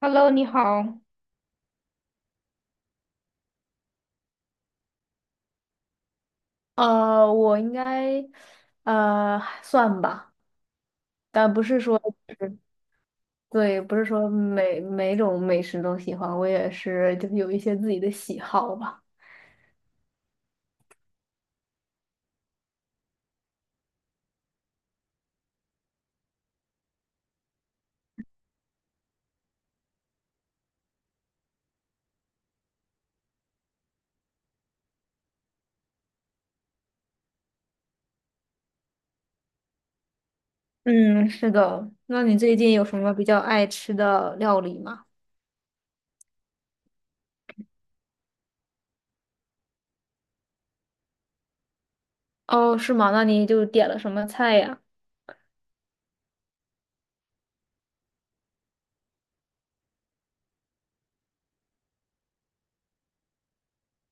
Hello，你好。我应该，算吧，但不是说，对，不是说每种美食都喜欢，我也是就是有一些自己的喜好吧。嗯，是的。那你最近有什么比较爱吃的料理吗？哦，是吗？那你就点了什么菜呀？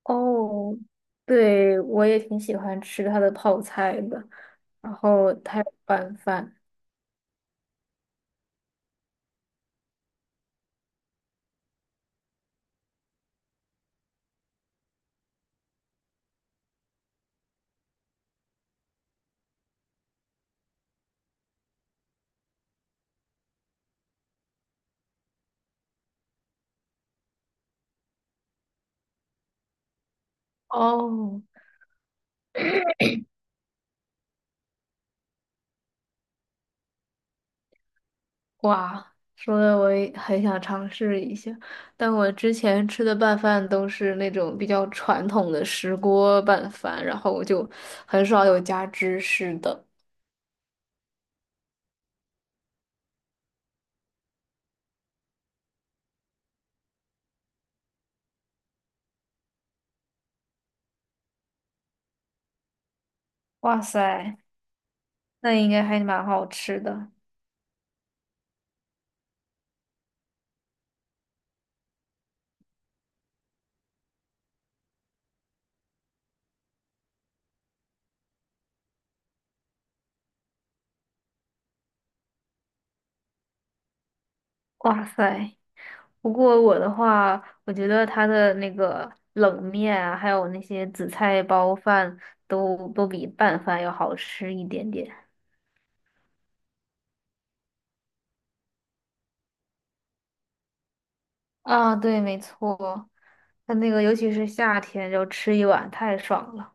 哦，对，我也挺喜欢吃它的泡菜的，然后它有拌饭。哦，哇，说的我也很想尝试一下，但我之前吃的拌饭都是那种比较传统的石锅拌饭，然后我就很少有加芝士的。哇塞，那应该还蛮好吃的。哇塞，不过我的话，我觉得它的那个冷面啊，还有那些紫菜包饭都比拌饭要好吃一点点。啊，对，没错，它那个尤其是夏天，就吃一碗太爽了。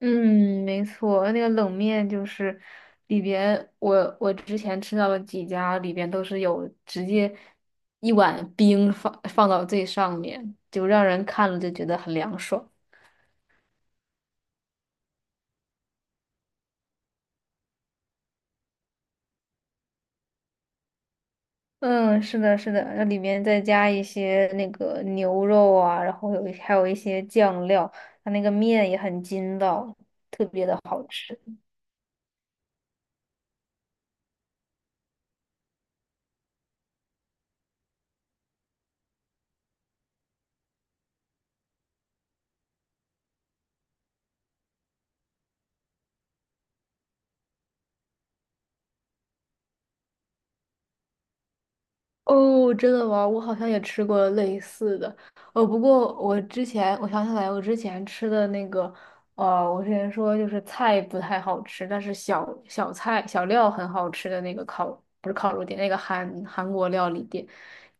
嗯，没错，那个冷面就是里边，我之前吃到的几家里边都是有直接一碗冰放到最上面，就让人看了就觉得很凉爽。嗯，是的，是的，那里面再加一些那个牛肉啊，然后还有一些酱料，它那个面也很筋道，特别的好吃。哦，真的吗？我好像也吃过类似的，哦，不过我之前我想起来，我之前吃的那个，我之前说就是菜不太好吃，但是小菜小料很好吃的那个烤，不是烤肉店，那个韩国料理店，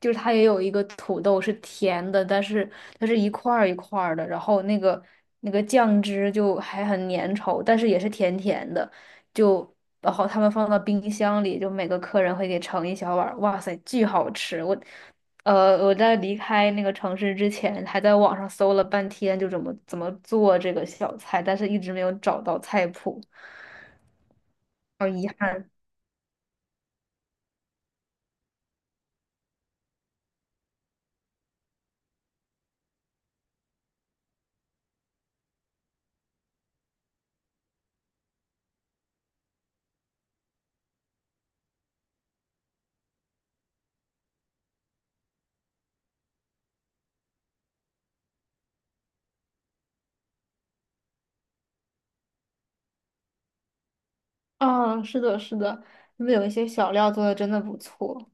就是它也有一个土豆是甜的，但是它是一块儿一块儿的，然后那个酱汁就还很粘稠，但是也是甜甜的。就然后他们放到冰箱里，就每个客人会给盛一小碗儿，哇塞，巨好吃！我，我在离开那个城市之前，还在网上搜了半天，就怎么做这个小菜，但是一直没有找到菜谱，好遗憾。啊，是的，是的，他们有一些小料做的真的不错。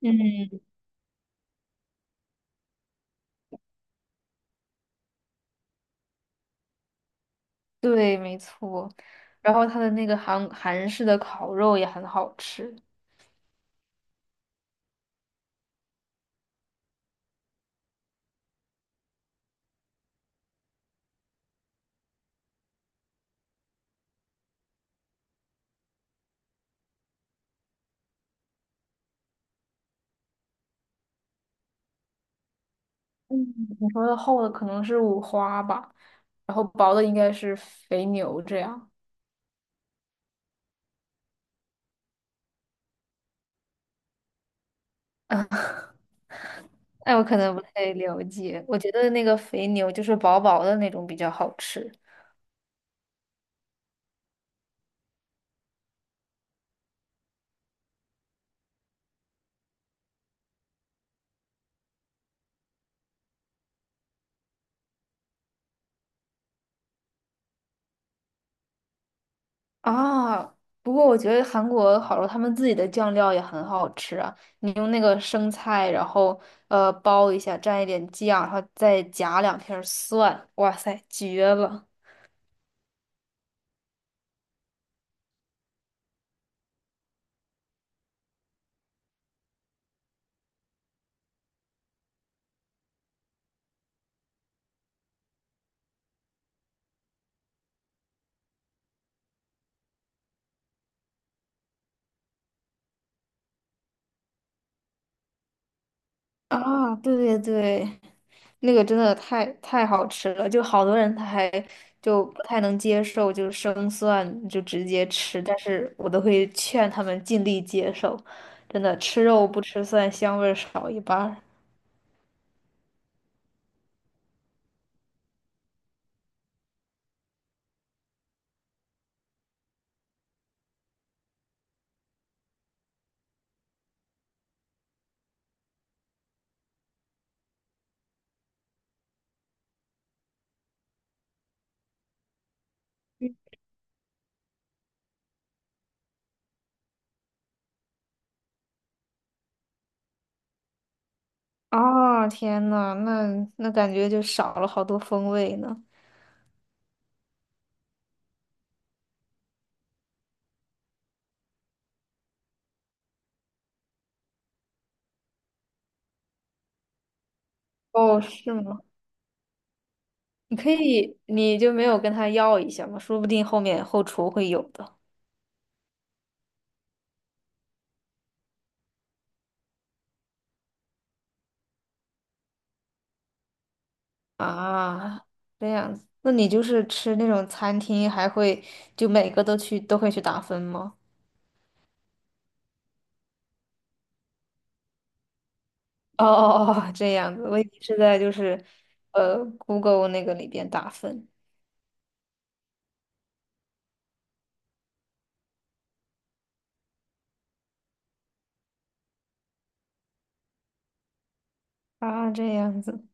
嗯，对，没错。然后他的那个韩式的烤肉也很好吃。嗯，你说的厚的可能是五花吧，然后薄的应该是肥牛这样。那我可能不太了解，我觉得那个肥牛就是薄薄的那种比较好吃啊。不过我觉得韩国好多他们自己的酱料也很好吃啊，你用那个生菜，然后包一下，蘸一点酱，然后再夹两片儿蒜，哇塞，绝了！啊，对对对，那个真的太好吃了，就好多人他还就不太能接受，就是生蒜就直接吃，但是我都会劝他们尽力接受，真的吃肉不吃蒜，香味儿少一半儿。啊，天呐，那感觉就少了好多风味呢。哦，是吗？你可以，你就没有跟他要一下吗？说不定后面后厨会有的啊。这样子，那你就是吃那种餐厅，还会就每个都去都会去打分吗？哦，这样子，我以为是在就是，Google 那个里边打分啊，这样子。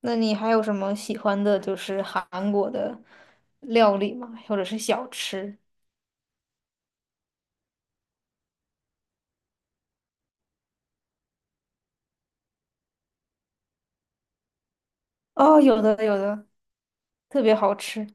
那你还有什么喜欢的，就是韩国的料理吗？或者是小吃？哦，有的有的，特别好吃。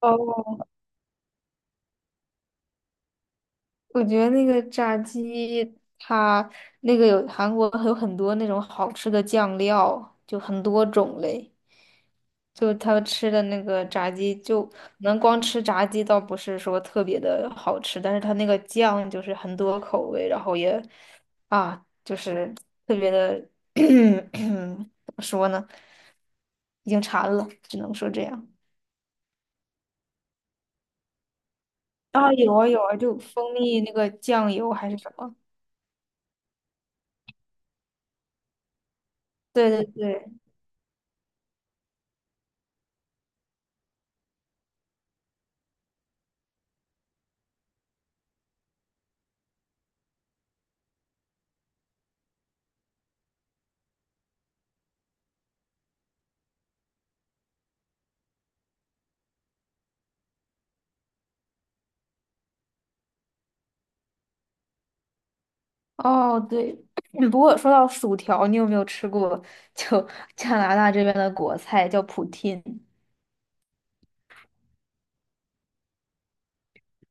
哦，我觉得那个炸鸡，它那个有韩国有很多那种好吃的酱料，就很多种类。就他们吃的那个炸鸡，就可能光吃炸鸡倒不是说特别的好吃，但是他那个酱就是很多口味，然后也啊，就是特别的 怎么说呢，已经馋了，只能说这样。啊，有啊有啊，就蜂蜜那个酱油还是什么？对对对，哦对。不过说到薯条，你有没有吃过就 加拿大这边的国菜叫 poutine？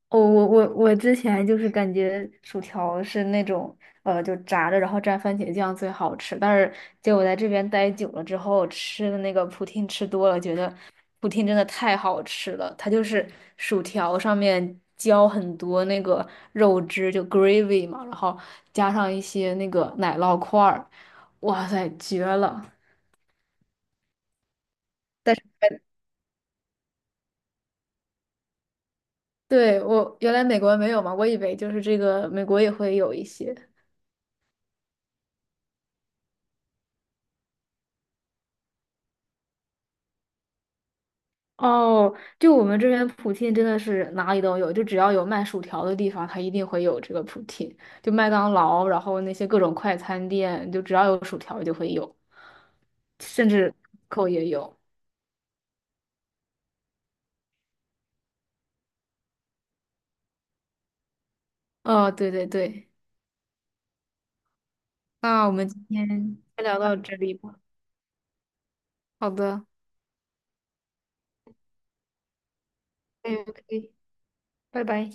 我之前就是感觉薯条是那种就炸着然后蘸番茄酱最好吃，但是结果在这边待久了之后，吃的那个普汀吃多了，觉得普汀真的太好吃了。它就是薯条上面浇很多那个肉汁，就 gravy 嘛，然后加上一些那个奶酪块儿，哇塞，绝了！但是对我原来美国没有嘛，我以为就是这个美国也会有一些。哦，就我们这边普聘真的是哪里都有，就只要有卖薯条的地方，它一定会有这个普聘。就麦当劳，然后那些各种快餐店，就只要有薯条就会有，甚至扣也有。哦，对对对，那我们今天先聊到这里吧。好的，可以可以拜拜。